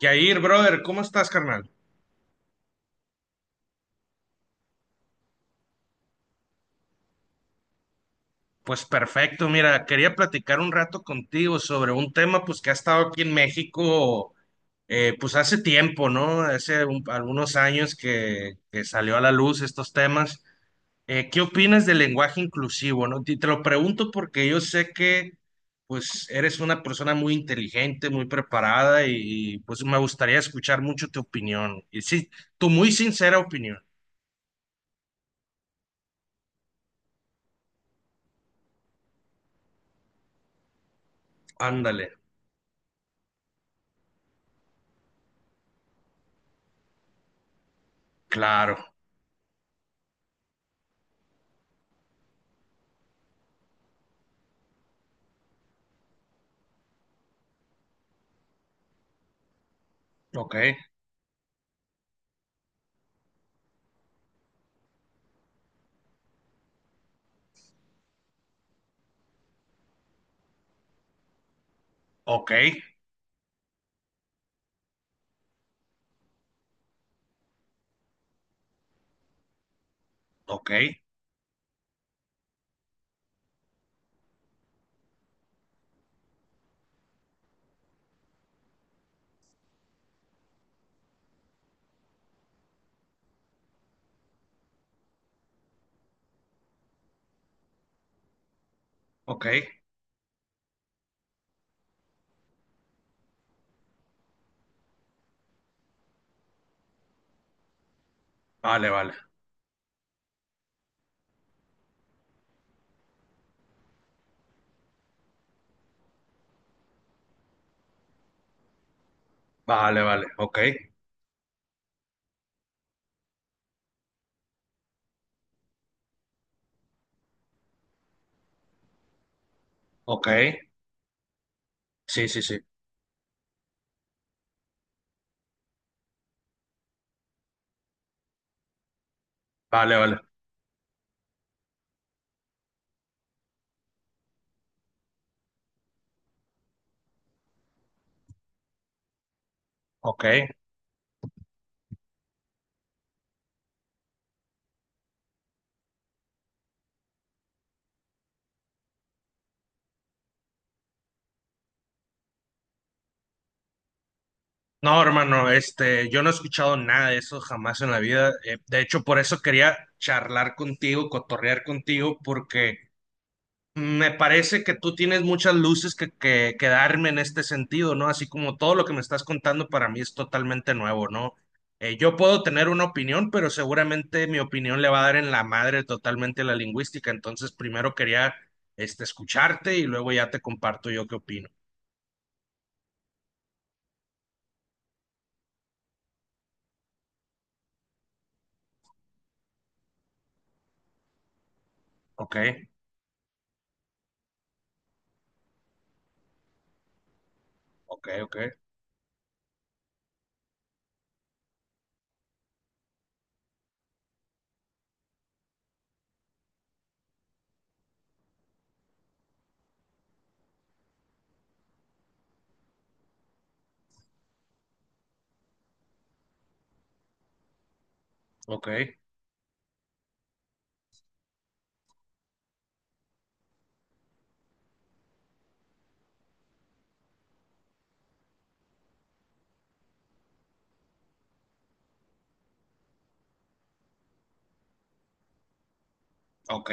Yair, brother, ¿cómo estás, carnal? Pues perfecto, mira, quería platicar un rato contigo sobre un tema pues que ha estado aquí en México pues hace tiempo, ¿no? Algunos años que salió a la luz estos temas. ¿Qué opinas del lenguaje inclusivo, no? Y te lo pregunto porque yo sé que pues eres una persona muy inteligente, muy preparada y pues me gustaría escuchar mucho tu opinión. Y sí, tu muy sincera opinión. Ándale, claro, ok, ok. Ok, ok, vale, vale, vale, vale, ok, ok, sí, sí, sí, vale, vale, ok. No, hermano, este, yo no he escuchado nada de eso jamás en la vida. De hecho, por eso quería charlar contigo, cotorrear contigo, porque me parece que tú tienes muchas luces que darme en este sentido, ¿no? Así como todo lo que me estás contando para mí es totalmente nuevo, ¿no? Yo puedo tener una opinión, pero seguramente mi opinión le va a dar en la madre totalmente a la lingüística. Entonces, primero quería escucharte y luego ya te comparto yo qué opino. Ok, ok, ok, ok, ok,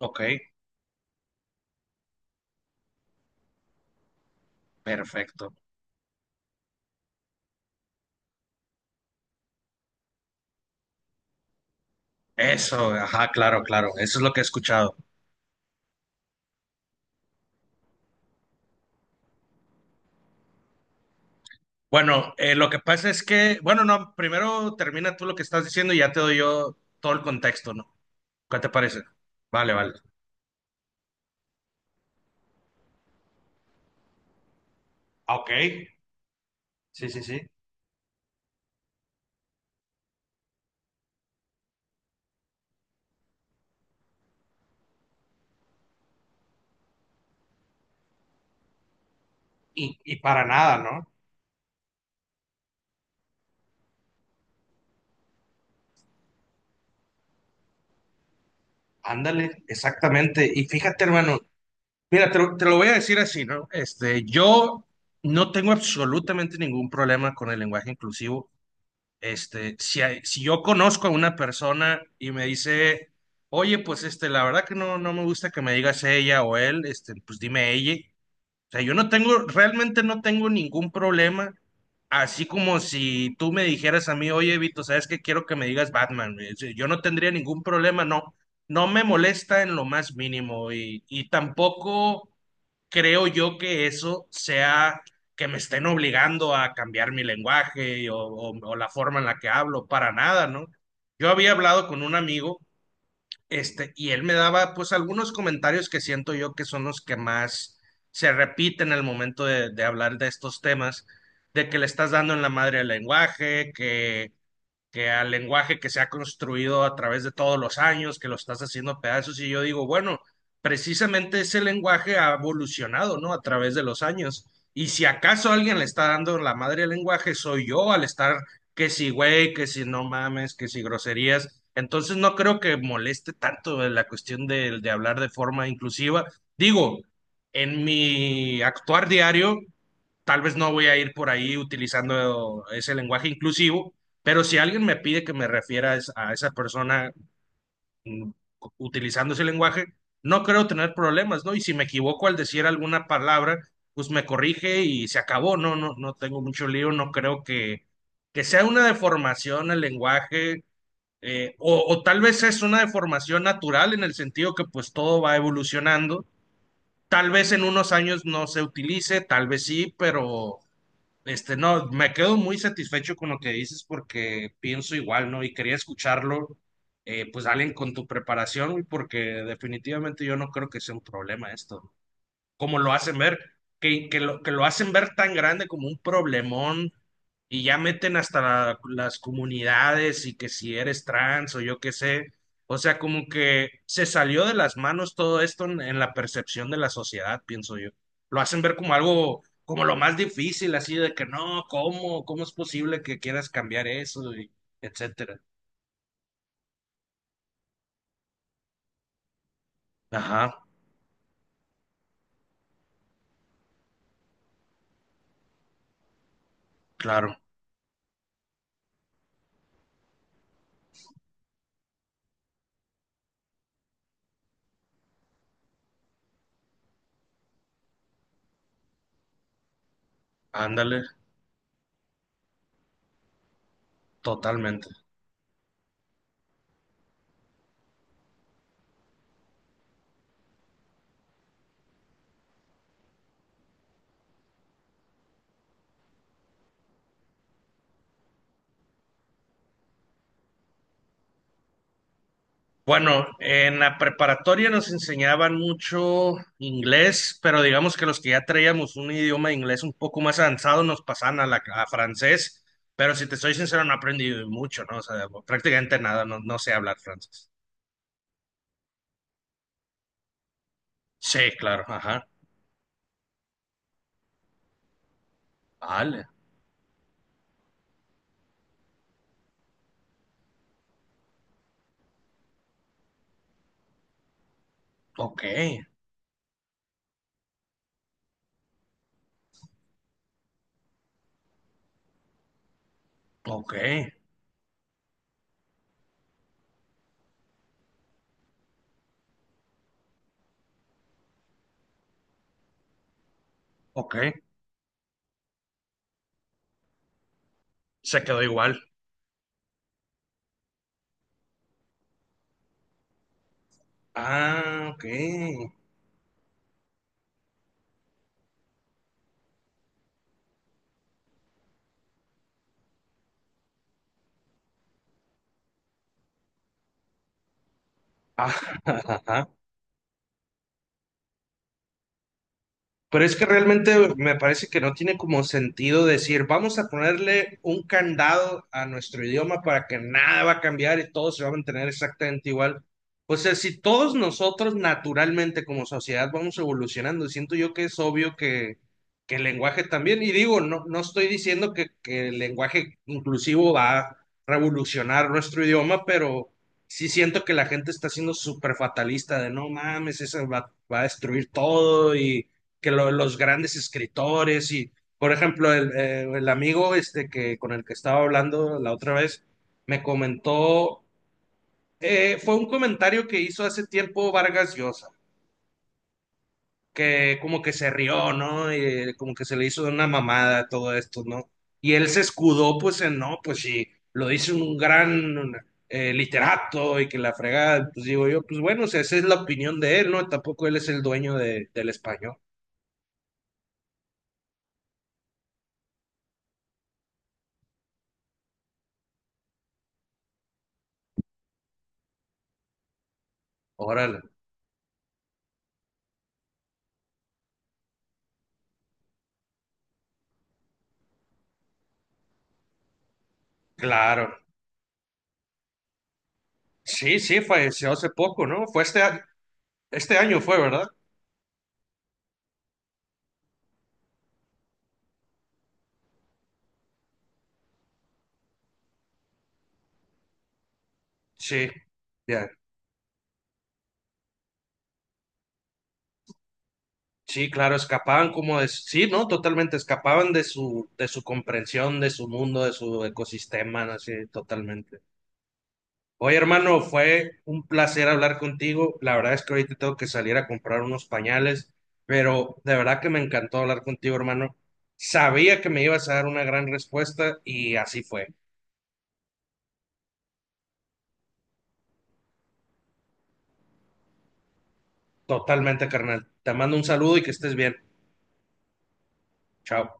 ok, perfecto. Eso, ajá, claro, claro, eso es lo que he escuchado. Bueno, lo que pasa es que, bueno, no, primero termina tú lo que estás diciendo y ya te doy yo todo el contexto, ¿no? ¿Qué te parece? Vale, vale. Ah, ok, sí, sí, sí. Y para nada, ¿no? Ándale, exactamente. Y fíjate, hermano, mira, te lo voy a decir así, ¿no? Este, yo no tengo absolutamente ningún problema con el lenguaje inclusivo. Este, si yo conozco a una persona y me dice, oye, pues este, la verdad que no, no me gusta que me digas ella o él, este, pues dime ella. Sea, yo no tengo, realmente no tengo ningún problema. Así como si tú me dijeras a mí, oye, Vito, ¿sabes qué? Quiero que me digas Batman. O sea, yo no tendría ningún problema, no. No me molesta en lo más mínimo y tampoco creo yo que eso sea que me estén obligando a cambiar mi lenguaje o, o la forma en la que hablo, para nada, ¿no? Yo había hablado con un amigo este, y él me daba pues algunos comentarios que siento yo que son los que más se repiten al momento de hablar de estos temas, de que le estás dando en la madre al lenguaje, que al lenguaje que se ha construido a través de todos los años, que lo estás haciendo pedazos, y yo digo, bueno, precisamente ese lenguaje ha evolucionado, ¿no? A través de los años. Y si acaso alguien le está dando la madre al lenguaje, soy yo al estar que si güey, que si no mames, que si groserías. Entonces no creo que moleste tanto la cuestión de hablar de forma inclusiva. Digo, en mi actuar diario, tal vez no voy a ir por ahí utilizando ese lenguaje inclusivo, pero si alguien me pide que me refiera a a esa persona mm, utilizando ese lenguaje, no creo tener problemas, ¿no? Y si me equivoco al decir alguna palabra, pues me corrige y se acabó, no, no, no tengo mucho lío, no creo que sea una deformación el lenguaje. O, o tal vez es una deformación natural en el sentido que pues todo va evolucionando. Tal vez en unos años no se utilice, tal vez sí, pero este, no, me quedo muy satisfecho con lo que dices porque pienso igual, ¿no? Y quería escucharlo, pues alguien con tu preparación, güey, porque definitivamente yo no creo que sea un problema esto como lo hacen ver, que lo hacen ver tan grande como un problemón y ya meten hasta las comunidades y que si eres trans o yo qué sé. O sea, como que se salió de las manos todo esto en la percepción de la sociedad, pienso yo. Lo hacen ver como algo, como lo más difícil, así de que no, ¿cómo? ¿Cómo es posible que quieras cambiar eso? Y etcétera. Ajá, claro, ándale, totalmente. Bueno, en la preparatoria nos enseñaban mucho inglés, pero digamos que los que ya traíamos un idioma de inglés un poco más avanzado nos pasaban a, la, a francés, pero si te soy sincero, no aprendí mucho, ¿no? O sea, prácticamente nada, no, no sé hablar francés. Sí, claro, ajá. Vale, ok, ok, ok. Se quedó igual. Ah, ok. Ajá, pero es que realmente me parece que no tiene como sentido decir, vamos a ponerle un candado a nuestro idioma para que nada va a cambiar y todo se va a mantener exactamente igual. O sea, si todos nosotros naturalmente como sociedad vamos evolucionando, siento yo que es obvio que el lenguaje también, y digo, no, no estoy diciendo que el lenguaje inclusivo va a revolucionar nuestro idioma, pero sí siento que la gente está siendo súper fatalista de no mames, eso va, va a destruir todo y que los grandes escritores y, por ejemplo, el amigo este que con el que estaba hablando la otra vez me comentó, fue un comentario que hizo hace tiempo Vargas Llosa, que como que se rió, ¿no? Y como que se le hizo una mamada todo esto, ¿no? Y él se escudó, pues, en, no, pues sí, lo dice un gran literato y que la fregada, pues digo yo, pues bueno, o sea, esa es la opinión de él, ¿no? Tampoco él es el dueño del español. Órale, claro. Sí, sí, falleció hace poco, ¿no? Fue este año fue, ¿verdad? Sí, ya. Sí, claro, escapaban como de, sí, ¿no? Totalmente, escapaban de su comprensión, de su mundo, de su ecosistema, ¿no? Así, totalmente. Oye, hermano, fue un placer hablar contigo. La verdad es que ahorita tengo que salir a comprar unos pañales, pero de verdad que me encantó hablar contigo, hermano. Sabía que me ibas a dar una gran respuesta y así fue. Totalmente, carnal. Te mando un saludo y que estés bien. Chao.